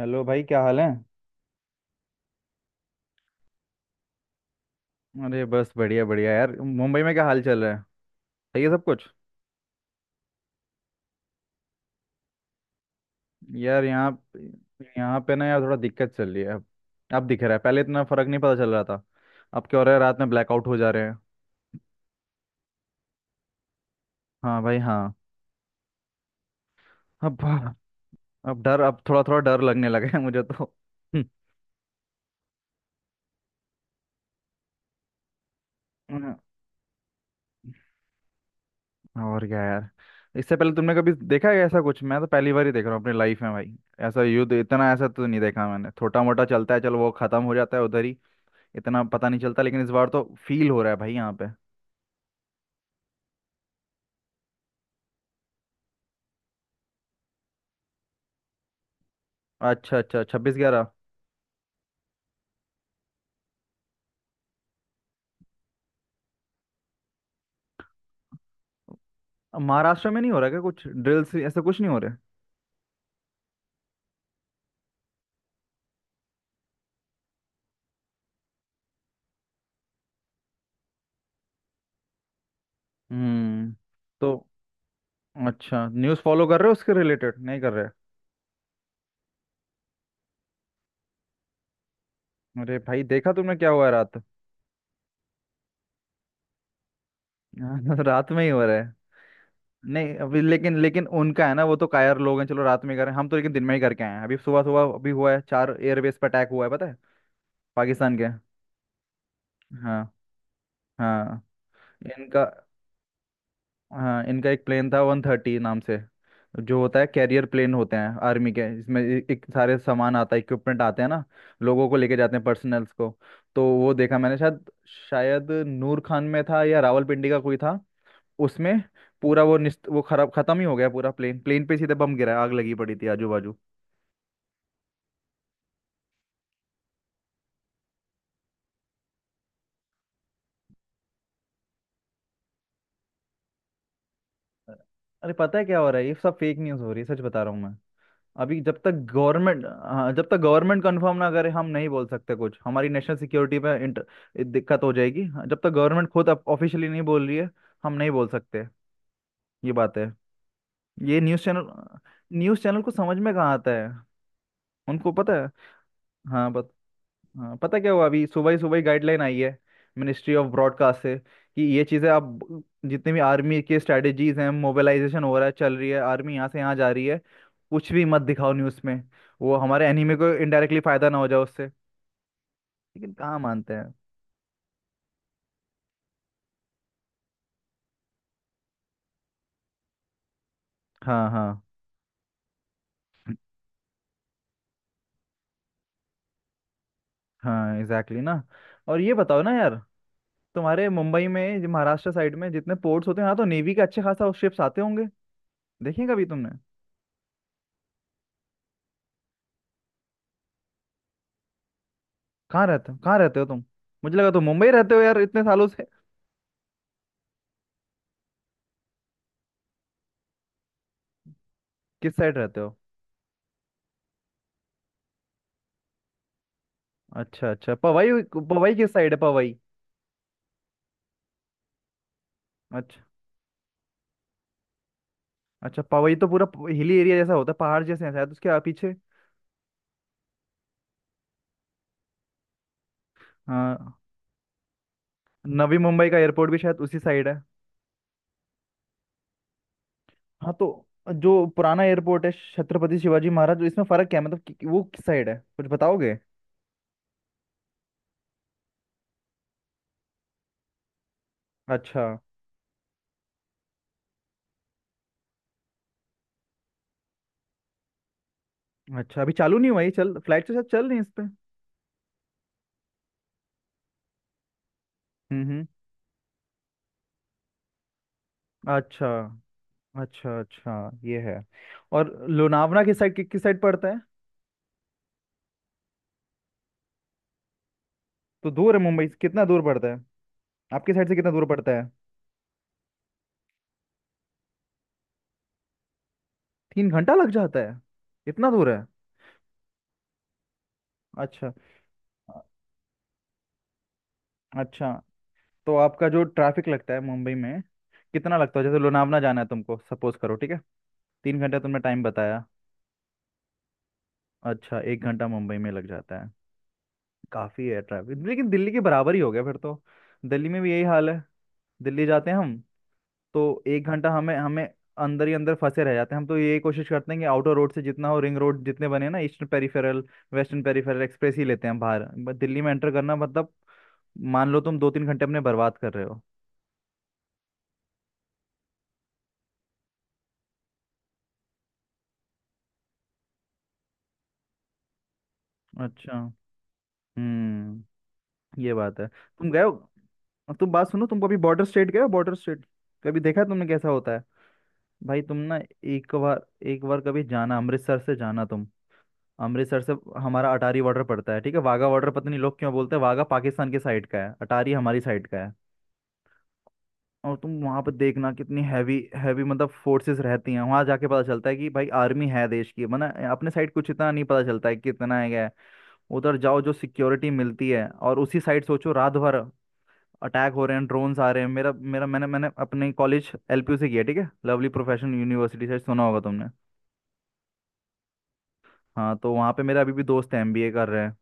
Hello भाई, क्या हाल है। अरे बस बढ़िया बढ़िया यार, मुंबई में क्या हाल चल रहा है। सही है सब कुछ। यार, यहाँ यहाँ पे ना यार थोड़ा दिक्कत चल रही है अब। अब दिख रहा है, पहले इतना फर्क नहीं पता चल रहा था। अब क्या हो रहा है, रात में ब्लैकआउट हो जा रहे हैं। हाँ भाई हाँ। अब अब थोड़ा थोड़ा डर लगने लगा है मुझे तो। हम्म। और क्या यार। इससे पहले तुमने कभी देखा है ऐसा कुछ? मैं तो पहली बार ही देख रहा हूँ अपनी लाइफ में भाई। ऐसा युद्ध इतना ऐसा तो नहीं देखा मैंने। छोटा मोटा चलता है चलो, वो खत्म हो जाता है उधर ही। इतना पता नहीं चलता, लेकिन इस बार तो फील हो रहा है भाई, यहाँ पे। अच्छा अच्छा अच्छा, 26/11। महाराष्ट्र में नहीं हो रहा क्या, कुछ ड्रिल्स ऐसा कुछ नहीं हो रहा है? हम्म। तो अच्छा, न्यूज़ फॉलो कर रहे हो उसके रिलेटेड? नहीं कर रहे? अरे भाई देखा तुमने, क्या हुआ है रात। हाँ, रात में ही हो रहा है। नहीं अभी लेकिन लेकिन उनका है ना, वो तो कायर लोग हैं। चलो रात में करें हम तो, लेकिन दिन में ही करके आए हैं अभी। सुबह सुबह अभी हुआ है, 4 एयरबेस पर अटैक हुआ है, पता है। पाकिस्तान के। हाँ। हाँ। इनका। हाँ इनका एक प्लेन था, 130 नाम से। जो होता है, कैरियर प्लेन होते हैं आर्मी के। इसमें एक सारे सामान आता है, इक्विपमेंट आते हैं ना। लोगों को लेके जाते हैं, पर्सनल्स को। तो वो देखा मैंने शायद। शायद नूर खान में था, या रावलपिंडी का कोई था। उसमें। पूरा वो निस्त, वो खराब, खत्म ही हो गया पूरा प्लेन। प्लेन पे सीधे बम गिरा, आग लगी पड़ी थी आजू बाजू। अरे पता है क्या हो रहा है, ये सब फेक न्यूज़ हो रही है, सच बता रहा हूँ मैं। अभी जब तक गवर्नमेंट हाँ, जब तक गवर्नमेंट कंफर्म ना करे, हम नहीं बोल सकते कुछ। हमारी नेशनल सिक्योरिटी में इंटर दिक्कत हो जाएगी। हाँ, जब तक गवर्नमेंट खुद ऑफिशियली नहीं बोल रही है, हम नहीं बोल सकते। ये बात है। ये न्यूज़ चैनल को समझ में कहाँ आता है। उनको पता है। हाँ हाँ पता क्या हुआ, अभी सुबह ही गाइडलाइन आई है। मिनिस्ट्री ऑफ ब्रॉडकास्ट से कि ये चीज़ें आप जितने भी आर्मी के स्ट्रेटजीज हैं, मोबिलाइजेशन हो रहा है, चल रही है आर्मी, यहाँ से यहाँ जा रही है। कुछ भी मत दिखाओ न्यूज़ में। वो हमारे एनिमी को इनडायरेक्टली फायदा ना हो जाए उससे। लेकिन कहाँ मानते हैं। हाँ हाँ। हाँ एग्जैक्टली ना। और ये बताओ ना यार। तुम्हारे मुंबई में, जो महाराष्ट्र साइड में जितने पोर्ट्स होते हैं, यहाँ तो नेवी के अच्छे खासा शिप्स आते होंगे। देखें कभी तुमने? कहाँ रहते हो, कहाँ रहते हो तुम? मुझे लगा तुम मुंबई रहते हो यार, इतने सालों से। किस साइड रहते हो? अच्छा अच्छा, पवई। पवई किस साइड है, पवई? अच्छा। अच्छा पवई तो पूरा हिली एरिया जैसा होता है, पहाड़ जैसे है शायद उसके पीछे। हाँ। नवी मुंबई का एयरपोर्ट भी शायद उसी साइड है। हाँ तो जो पुराना एयरपोर्ट है, छत्रपति शिवाजी महाराज, इसमें फर्क क्या है मतलब कि वो किस साइड है, कुछ बताओगे? अच्छा। अच्छा अभी चालू नहीं हुआ ये? चल फ्लाइट तो शायद चल रही है इस पे। हम्म। अच्छा। अच्छा अच्छा ये है। और लोनावला किस साइड पड़ता है? तो दूर है, मुंबई से कितना दूर पड़ता है? आपकी साइड से कितना दूर पड़ता है? 3 घंटा लग जाता है? इतना दूर है? अच्छा अच्छा। तो आपका जो ट्रैफिक लगता है मुंबई में, कितना लगता है जैसे लोनावला जाना है तुमको, सपोज करो ठीक है। 3 घंटा तुमने टाइम बताया। अच्छा, 1 घंटा मुंबई में लग जाता है? काफ़ी है ट्रैफिक, लेकिन दिल्ली के बराबर ही हो गया फिर तो। दिल्ली में भी यही हाल है। दिल्ली जाते हैं हम। तो 1 घंटा हमें हमें अंदर ही अंदर फंसे रह जाते हैं। हम तो यही कोशिश करते हैं कि आउटर रोड से जितना हो, रिंग रोड जितने बने ना, eastern peripheral, western peripheral express ही लेते हैं हम बाहर। दिल्ली में एंटर करना मतलब, मान लो तुम 2-3 घंटे अपने बर्बाद कर रहे हो। अच्छा। हम्म। ये बात है। तुम गए हो? तुम बात सुनो, तुम कभी बॉर्डर स्टेट गए हो, बॉर्डर स्टेट? कभी देखा है तुमने कैसा होता है? भाई तुम ना, एक बार कभी जाना, अमृतसर से जाना तुम। अमृतसर से हमारा अटारी बॉर्डर पड़ता है, ठीक है। वाघा बॉर्डर पता नहीं लोग क्यों बोलते हैं, वाघा पाकिस्तान के साइड का है, अटारी हमारी साइड का है। और तुम वहां पर देखना कितनी हैवी हैवी मतलब फोर्सेस रहती हैं। वहां जाके पता चलता है कि भाई आर्मी है देश की, वरना अपने साइड कुछ इतना नहीं पता चलता है कितना है, क्या है। उधर जाओ जो सिक्योरिटी मिलती है, और उसी साइड सोचो रात भर अटैक हो रहे हैं, ड्रोन्स आ रहे हैं। मेरा मेरा मैंने मैंने अपने कॉलेज एलपीयू से किया, ठीक है, लवली प्रोफेशनल यूनिवर्सिटी, से सुना होगा तुमने। हाँ तो वहाँ पे मेरा अभी भी दोस्त है, एमबीए कर रहे हैं।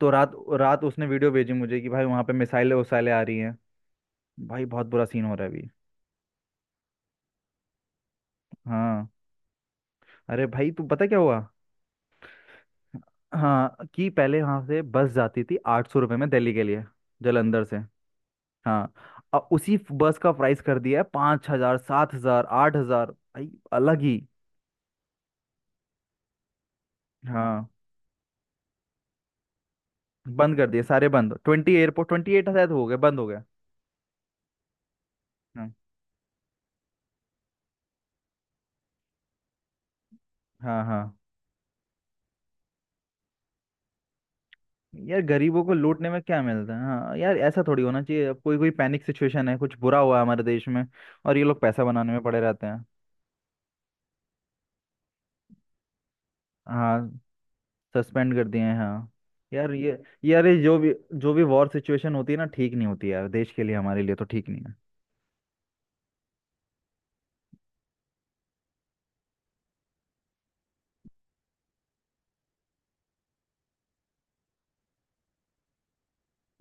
तो रात रात उसने वीडियो भेजी मुझे कि भाई वहाँ पे मिसाइलें वसाइलें आ रही हैं। भाई बहुत बुरा सीन हो रहा है अभी। हाँ। अरे भाई तू पता क्या हुआ। हाँ कि पहले वहां से बस जाती थी 800 रुपये में दिल्ली के लिए। जलंधर से। हाँ। अब उसी बस का प्राइस कर दिया है 5,000, 7,000, 8,000 भाई, अलग ही। हाँ बंद कर दिए सारे, बंद 20 एयरपोर्ट, 28 शायद हो गए, बंद हो गए। हाँ हाँ हाँ। यार गरीबों को लूटने में क्या मिलता है? हाँ यार, ऐसा थोड़ी होना चाहिए। अब कोई कोई पैनिक सिचुएशन है, कुछ बुरा हुआ है हमारे देश में। और ये लोग पैसा बनाने में पड़े रहते हैं। हाँ सस्पेंड कर दिए हैं हाँ। यार ये यार ये जो भी वॉर सिचुएशन होती है ना, ठीक नहीं होती यार देश के लिए, हमारे लिए तो ठीक नहीं है।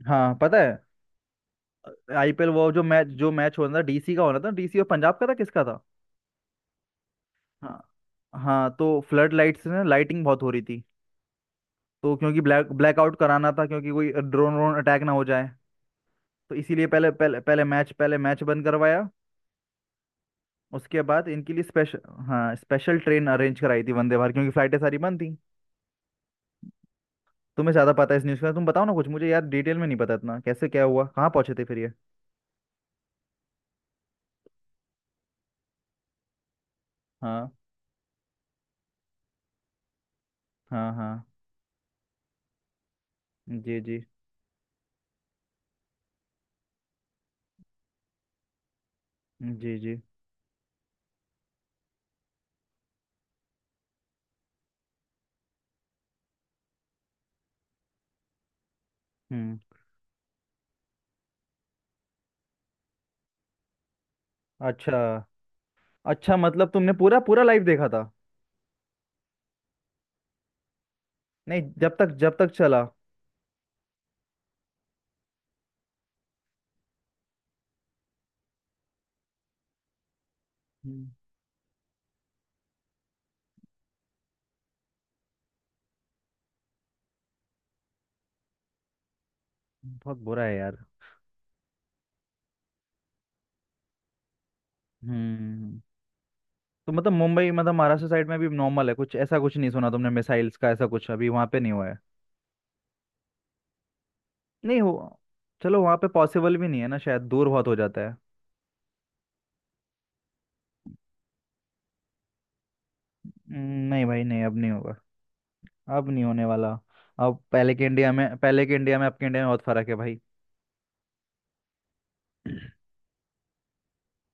हाँ पता है। आईपीएल, वो जो मैच होना था, डीसी का होना था, डीसी और पंजाब का था, किसका था? हाँ हाँ तो फ्लड लाइट्स में लाइटिंग बहुत हो रही थी। तो क्योंकि ब्लैकआउट कराना था, क्योंकि कोई ड्रोन व्रोन अटैक ना हो जाए। तो इसीलिए पहले पहले पहले मैच बंद करवाया। उसके बाद इनके लिए स्पेशल, हाँ स्पेशल ट्रेन अरेंज कराई थी वंदे भारत, क्योंकि फ्लाइटें सारी बंद थी। तुम्हें ज्यादा पता है इस न्यूज़ का, तुम बताओ ना कुछ मुझे। यार डिटेल में नहीं पता इतना, कैसे क्या हुआ, कहाँ पहुंचे थे फिर ये। हाँ हाँ हाँ। जी जी जी जी। हम्म। अच्छा अच्छा, मतलब तुमने पूरा पूरा लाइव देखा था? नहीं जब तक चला। हम्म। बहुत बुरा है यार। हम्म। तो मतलब, मुंबई मतलब महाराष्ट्र साइड में भी नॉर्मल है, कुछ ऐसा कुछ नहीं सुना तुमने मिसाइल्स का? ऐसा कुछ अभी वहां पे नहीं हुआ है? नहीं हो, चलो वहां पे पॉसिबल भी नहीं है ना शायद, दूर बहुत हो जाता है। हम्म। नहीं भाई नहीं, अब नहीं होगा। अब नहीं होने वाला। अब पहले के इंडिया में, अब के इंडिया में बहुत फर्क है भाई।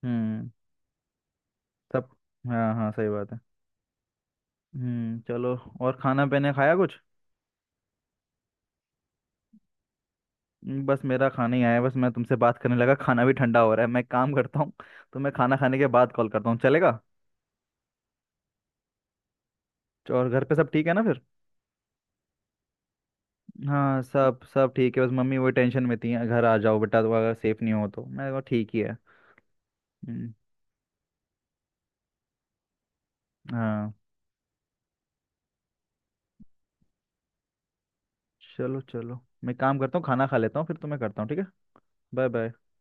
हम्म। सब। हाँ हाँ सही बात है। हम्म, चलो। और खाना पीने खाया कुछ? बस मेरा खाना ही आया बस, मैं तुमसे बात करने लगा, खाना भी ठंडा हो रहा है। मैं एक काम करता हूँ, तो मैं खाना खाने के बाद कॉल करता हूँ, चलेगा? तो और घर पे सब ठीक है ना फिर? हाँ सब सब ठीक है, बस मम्मी वही टेंशन में थी, घर आ जाओ बेटा, तो अगर सेफ नहीं हो तो, मैं कहा ठीक ही है। हम्म। हाँ चलो चलो। मैं काम करता हूँ, खाना खा लेता हूँ, फिर तुम्हें करता हूँ ठीक है। Bye bye.